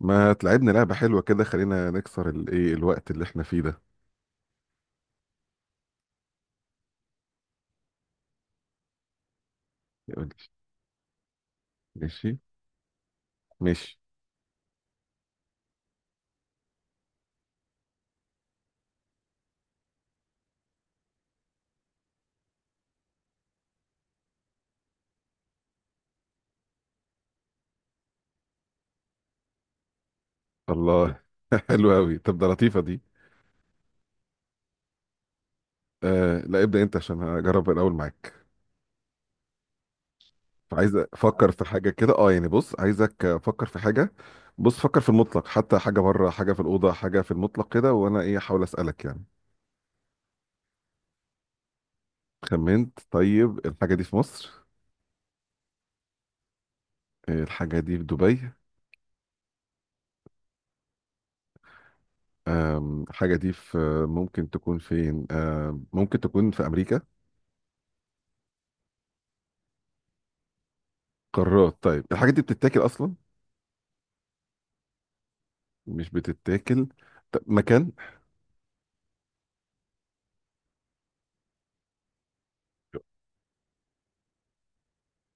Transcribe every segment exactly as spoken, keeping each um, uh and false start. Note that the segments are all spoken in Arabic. ما تلعبنا لعبة حلوة كده، خلينا نكسر الايه الوقت اللي احنا فيه ده. ماشي. ماشي. الله. حلو قوي. طب ده لطيفة دي. آه لا، ابدأ انت عشان هجرب الاول معاك. فعايز افكر في حاجة كده، اه يعني بص، عايزك افكر في حاجة. بص، فكر في المطلق، حتى حاجة بره، حاجة في الأوضة، حاجة في المطلق كده، وانا ايه احاول اسألك يعني. خمنت؟ طيب، الحاجة دي في مصر؟ آه، الحاجة دي في دبي؟ آم، الحاجة دي في... ممكن تكون فين؟ آم، ممكن تكون في أمريكا؟ قارات. طيب الحاجات دي بتتاكل اصلا؟ مش بتتاكل. طب مكان.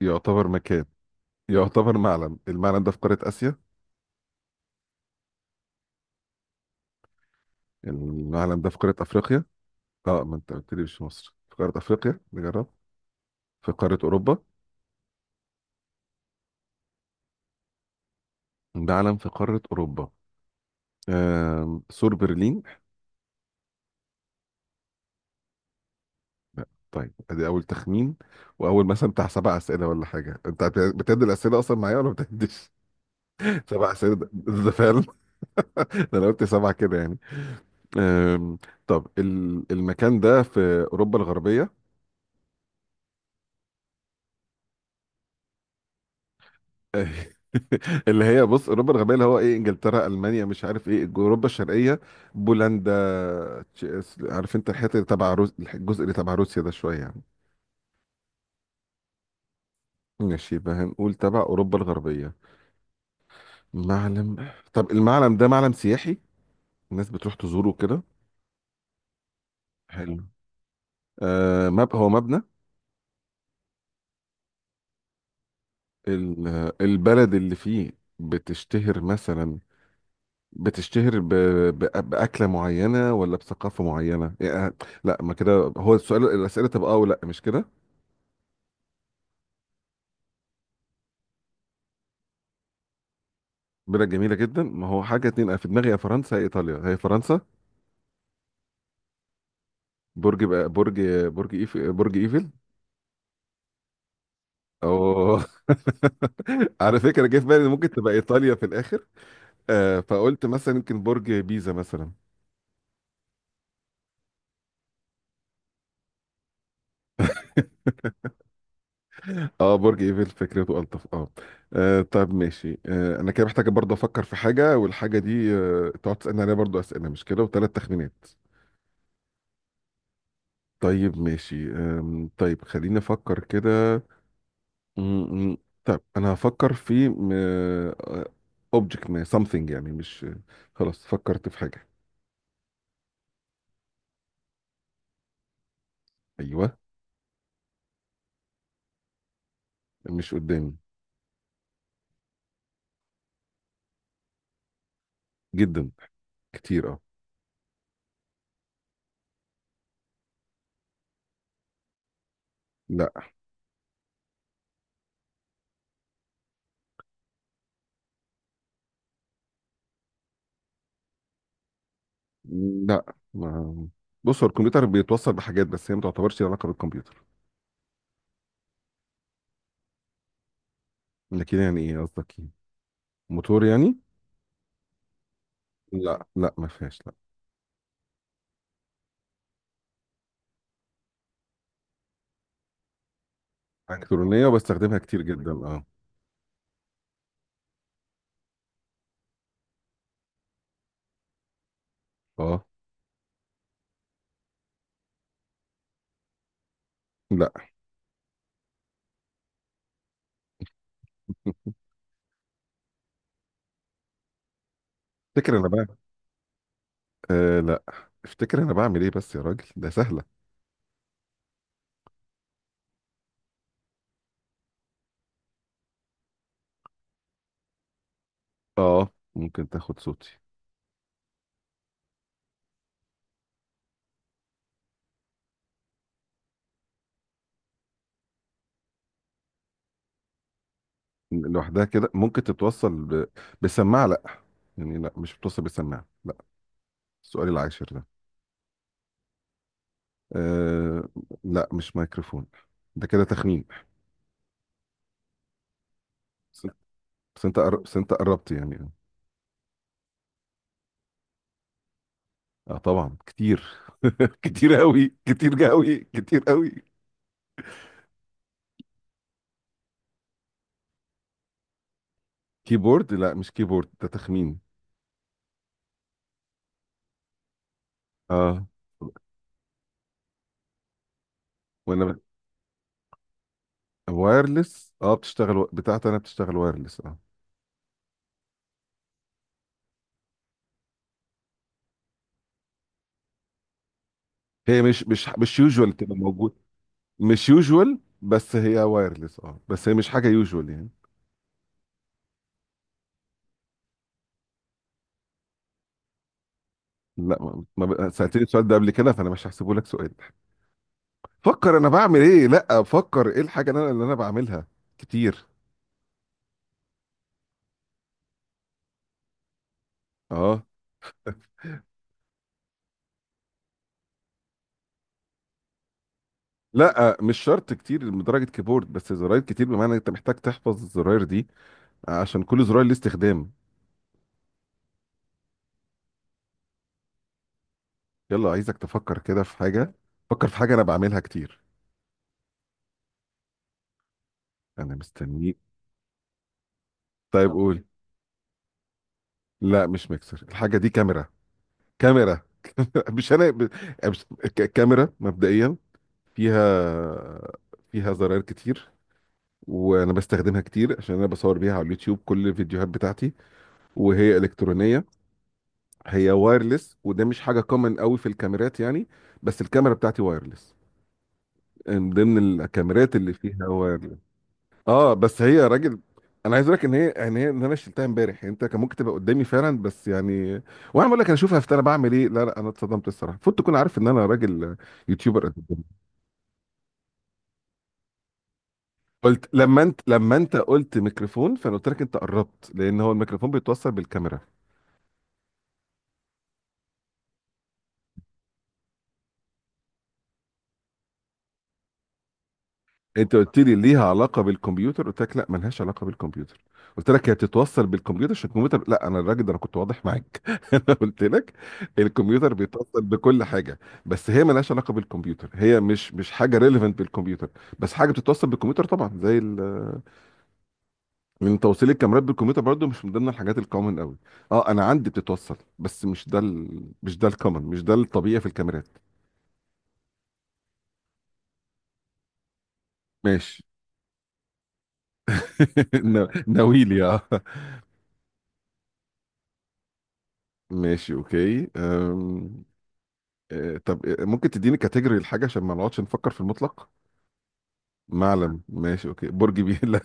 يعتبر مكان. يعتبر معلم. المعلم ده في قارة آسيا؟ المعلم ده في قارة أفريقيا؟ اه، ما انت قلت لي مش في مصر، في قارة أفريقيا نجرب. في قارة أوروبا؟ معلم في قارة أوروبا. آم، سور برلين؟ طيب ادي اول تخمين. واول مثلا بتاع سبع اسئله ولا حاجه، انت بت- بتعد الاسئله اصلا معايا ولا ما بتعدش؟ سبع اسئله ده؟ ده فعلا. ده انا قلت سبعه كده يعني. أم، طب ال- المكان ده في اوروبا الغربيه. اللي هي بص اوروبا الغربيه اللي هو ايه انجلترا، المانيا، مش عارف ايه. اوروبا الشرقيه، بولندا. تش- عارف انت الحته اللي تبع روس الجزء اللي تبع روسيا ده شويه يعني. ماشي، يبقى هنقول تبع اوروبا الغربيه. معلم. طب المعلم ده معلم سياحي؟ الناس بتروح تزوره كده؟ حلو. آه مب... هو مبنى؟ ال- البلد اللي فيه بتشتهر مثلا، بتشتهر ب... ب... بأكلة معينة ولا بثقافة معينة؟ يعني لا، ما كده. هو السؤال الأسئلة تبقى اه ولا مش كده؟ بلا جميلة جدا، ما هو حاجة اتنين أنا في دماغي، يا فرنسا يا إيطاليا. هي فرنسا. برج بقى، برج. برج إيف... برج إيفل. أو. على فكرة جه في بالي إن ممكن تبقى إيطاليا في الآخر. آه، فقلت مثلا يمكن برج بيزا مثلا. اه، برج ايفل فكرته الطف اه. آه، طب ماشي. آه، انا كده محتاج برضه افكر في حاجه، والحاجه دي آه، تقعد تسالني عليها برضه اسئله مش كده، وثلاث تخمينات. طيب ماشي. آم، طيب خليني افكر كده. م- م. طب انا هفكر في اوبجكت ما، something، يعني مش... خلاص، فكرت في حاجه. ايوه. مش قدامي. جدا. كتير اه. لا لا، ما بص، هو الكمبيوتر بيتوصل بحاجات، بس هي ما تعتبرش لها علاقه بالكمبيوتر. لكن يعني ايه قصدك، موتور يعني؟ لا لا، ما فيهاش، لا. الكترونيه، وبستخدمها كتير جدا اه. اه لا، افتكر انا بقى. آه لا، افتكر انا بعمل ايه، بس يا راجل ده سهله. اه، ممكن تاخد صوتي. لوحدها كده، ممكن تتوصل ب... بسماعه؟ لا، يعني لا، مش بتوصل بسماعه، لا. السؤال العاشر ده. آه لا، مش ميكروفون. ده كده تخمين. بس. بس انت قر- بس انت قربت يعني. اه طبعا كتير. كتير قوي، كتير قوي، كتير قوي. كيبورد؟ لا، مش كيبورد. ده تخمين. اه. وانا ب... وايرلس اه، بتشتغل و- بتاعتي انا بتشتغل وايرلس اه. هي مش مش مش يوجوال تبقى موجود. مش يوجوال، بس هي وايرلس اه، بس هي مش حاجه يوجوال يعني. لا، ما ما ب- سألتني السؤال ده قبل كده، فانا مش هحسبه لك سؤال. فكر انا بعمل ايه، لا فكر ايه الحاجه اللي انا اللي انا بعملها كتير اه. لا، مش شرط كتير لدرجه كيبورد، بس زراير كتير بمعنى انت محتاج تحفظ الزراير دي عشان كل زرار ليه استخدام. يلا، عايزك تفكر كده في حاجة. فكر في حاجة أنا بعملها كتير. أنا مستنيك. طيب قول. لا، مش ميكسر. الحاجة دي كاميرا. كاميرا. مش أنا ب- مش... ك- كاميرا مبدئيا. فيها... فيها زراير كتير، وأنا بستخدمها كتير عشان أنا بصور بيها على اليوتيوب كل الفيديوهات بتاعتي. وهي إلكترونية. هي وايرلس، وده مش حاجة كومن قوي في الكاميرات يعني. بس الكاميرا بتاعتي وايرلس، من ضمن الكاميرات اللي فيها وايرلس. اه، بس هي راجل، انا عايز اقول لك ان هي ان هي ان انا شلتها امبارح يعني، انت كان ممكن تبقى قدامي فعلا، بس يعني. وانا بقول لك انا اشوفها في انا بعمل ايه. لا لا، انا اتصدمت الصراحه، فوت تكون عارف ان انا راجل يوتيوبر قد الدنيا. قلت لما انت لما انت قلت ميكروفون، فانا قلت لك انت قربت لان هو الميكروفون بيتوصل بالكاميرا. انت قلت لي ليها علاقه بالكمبيوتر، قلت لك لا، ملهاش علاقه بالكمبيوتر. قلت لك هي بتتوصل بالكمبيوتر عشان الكمبيوتر، لا انا الراجل ده انا كنت واضح معاك. انا قلت لك الكمبيوتر بيتوصل بكل حاجه، بس هي ملهاش علاقه بالكمبيوتر. هي مش مش حاجه ريليفنت بالكمبيوتر، بس حاجه بتتوصل بالكمبيوتر طبعا زي. ال- لان توصيل الكاميرات بالكمبيوتر برضو مش من ضمن الحاجات الكومن قوي. اه، انا عندي بتتوصل، بس مش ده ال... مش ده الكومن، مش ده الطبيعي في الكاميرات. ماشي. نا- ناويلي اه. ماشي اوكي. أم... آه، طب. آه، ممكن تديني كاتيجوري الحاجة عشان ما نقعدش نفكر في المطلق. معلم. ماشي اوكي. برج بيزا.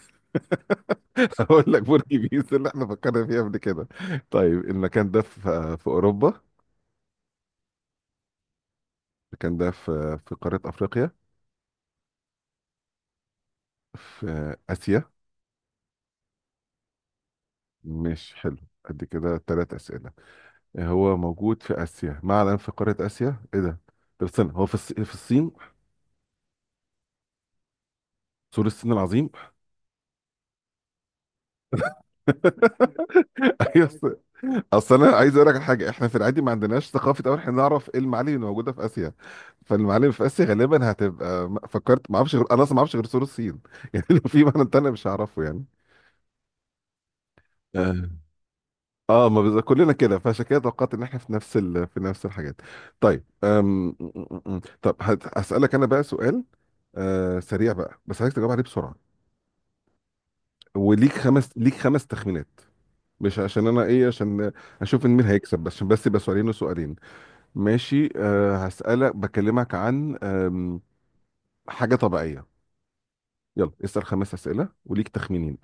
هقول لك برج بيزا اللي احنا فكرنا فيها قبل كده. طيب المكان ده في آه، في اوروبا؟ المكان ده في في قارة افريقيا؟ في آه، اسيا؟ ماشي حلو. قد كده ثلاث اسئلة. هو موجود في اسيا، معلم في قارة اسيا، ايه ده. طب استنى، هو في الص- في الصين؟ سور الصين العظيم. ايوه. اصل انا عايز اقول لك على حاجه، احنا في العادي ما عندناش ثقافه اول، احنا نعرف ايه المعالم اللي موجوده في اسيا. فالمعالم في اسيا غالبا هتبقى م- فكرت، ما اعرفش غير، انا اصلا ما اعرفش غير سور الصين. يعني لو في معلم تاني مش هعرفه يعني. آه. اه، ما بز... كلنا كده، فعشان كده توقعت ان احنا في نفس ال... في نفس الحاجات. طيب. أم... م- م- م. طب هت- هسألك انا بقى سؤال. آه، سريع بقى، بس عايز تجاوب عليه بسرعه. وليك خمس ليك خمس تخمينات. مش عشان انا ايه، عشان اشوف إن مين هيكسب، بس عشان بس يبقى سؤالين وسؤالين. ماشي. أه هسألك، بكلمك عن آم، حاجة طبيعية. يلا اسأل خمس أسئلة وليك تخمينين.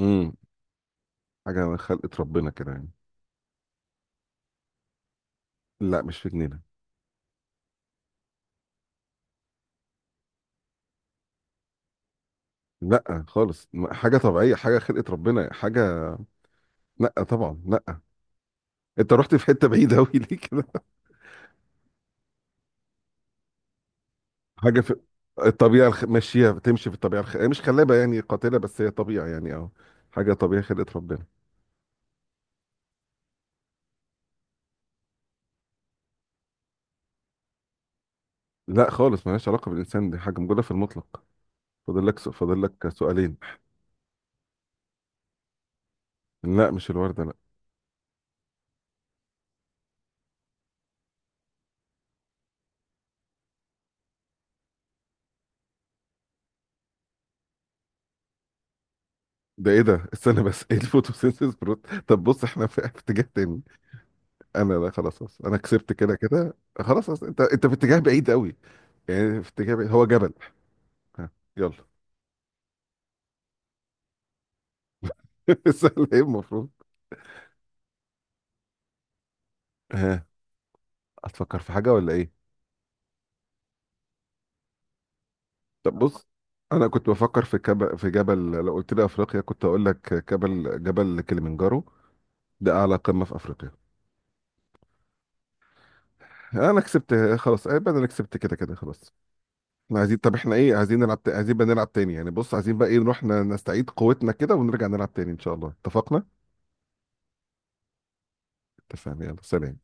امم. حاجة من خلقة ربنا كده يعني. لا، مش في جنينة. لا خالص، م- حاجة طبيعية، حاجة خلقة ربنا، حاجة. لا طبعا لا. انت رحت في حتة بعيدة أوي. ليه كده. حاجة في الطبيعة الخ... ماشية، تمشي في الطبيعة الخ... مش خلابة يعني قاتلة، بس هي طبيعة يعني. أو حاجة طبيعية خلقة ربنا. لا خالص، ملهاش علاقة بالإنسان، دي حاجة موجودة في المطلق. فاضل لك س- فاضل لك سؤالين. لا، مش الوردة، لا. ده ايه ده؟ استنى بس، ايه الفوتوسينثيز بروت؟ طب بص احنا في في اتجاه تاني. انا لا، خلاص خلاص، انا كسبت كده كده خلاص. أصل انت، انت في اتجاه بعيد قوي. يعني في اتجاه بعيد. هو جبل. ها. يلا. سهل ايه المفروض. ها. هتفكر في حاجه ولا ايه؟ طب بص، انا كنت بفكر في كب... في جبل، لو قلت لي افريقيا كنت اقول لك جبل، جبل كليمنجارو. ده اعلى قمه في افريقيا. انا كسبت خلاص، ايه، انا كسبت كده كده خلاص. احنا عايزين طب احنا ايه عايزين نلعب ت- عايزين بقى نلعب تاني يعني. بص عايزين بقى ايه، نروح ن- نستعيد قوتنا كده، ونرجع نلعب تاني ان شاء الله. اتفقنا؟ اتفقنا يلا سلام.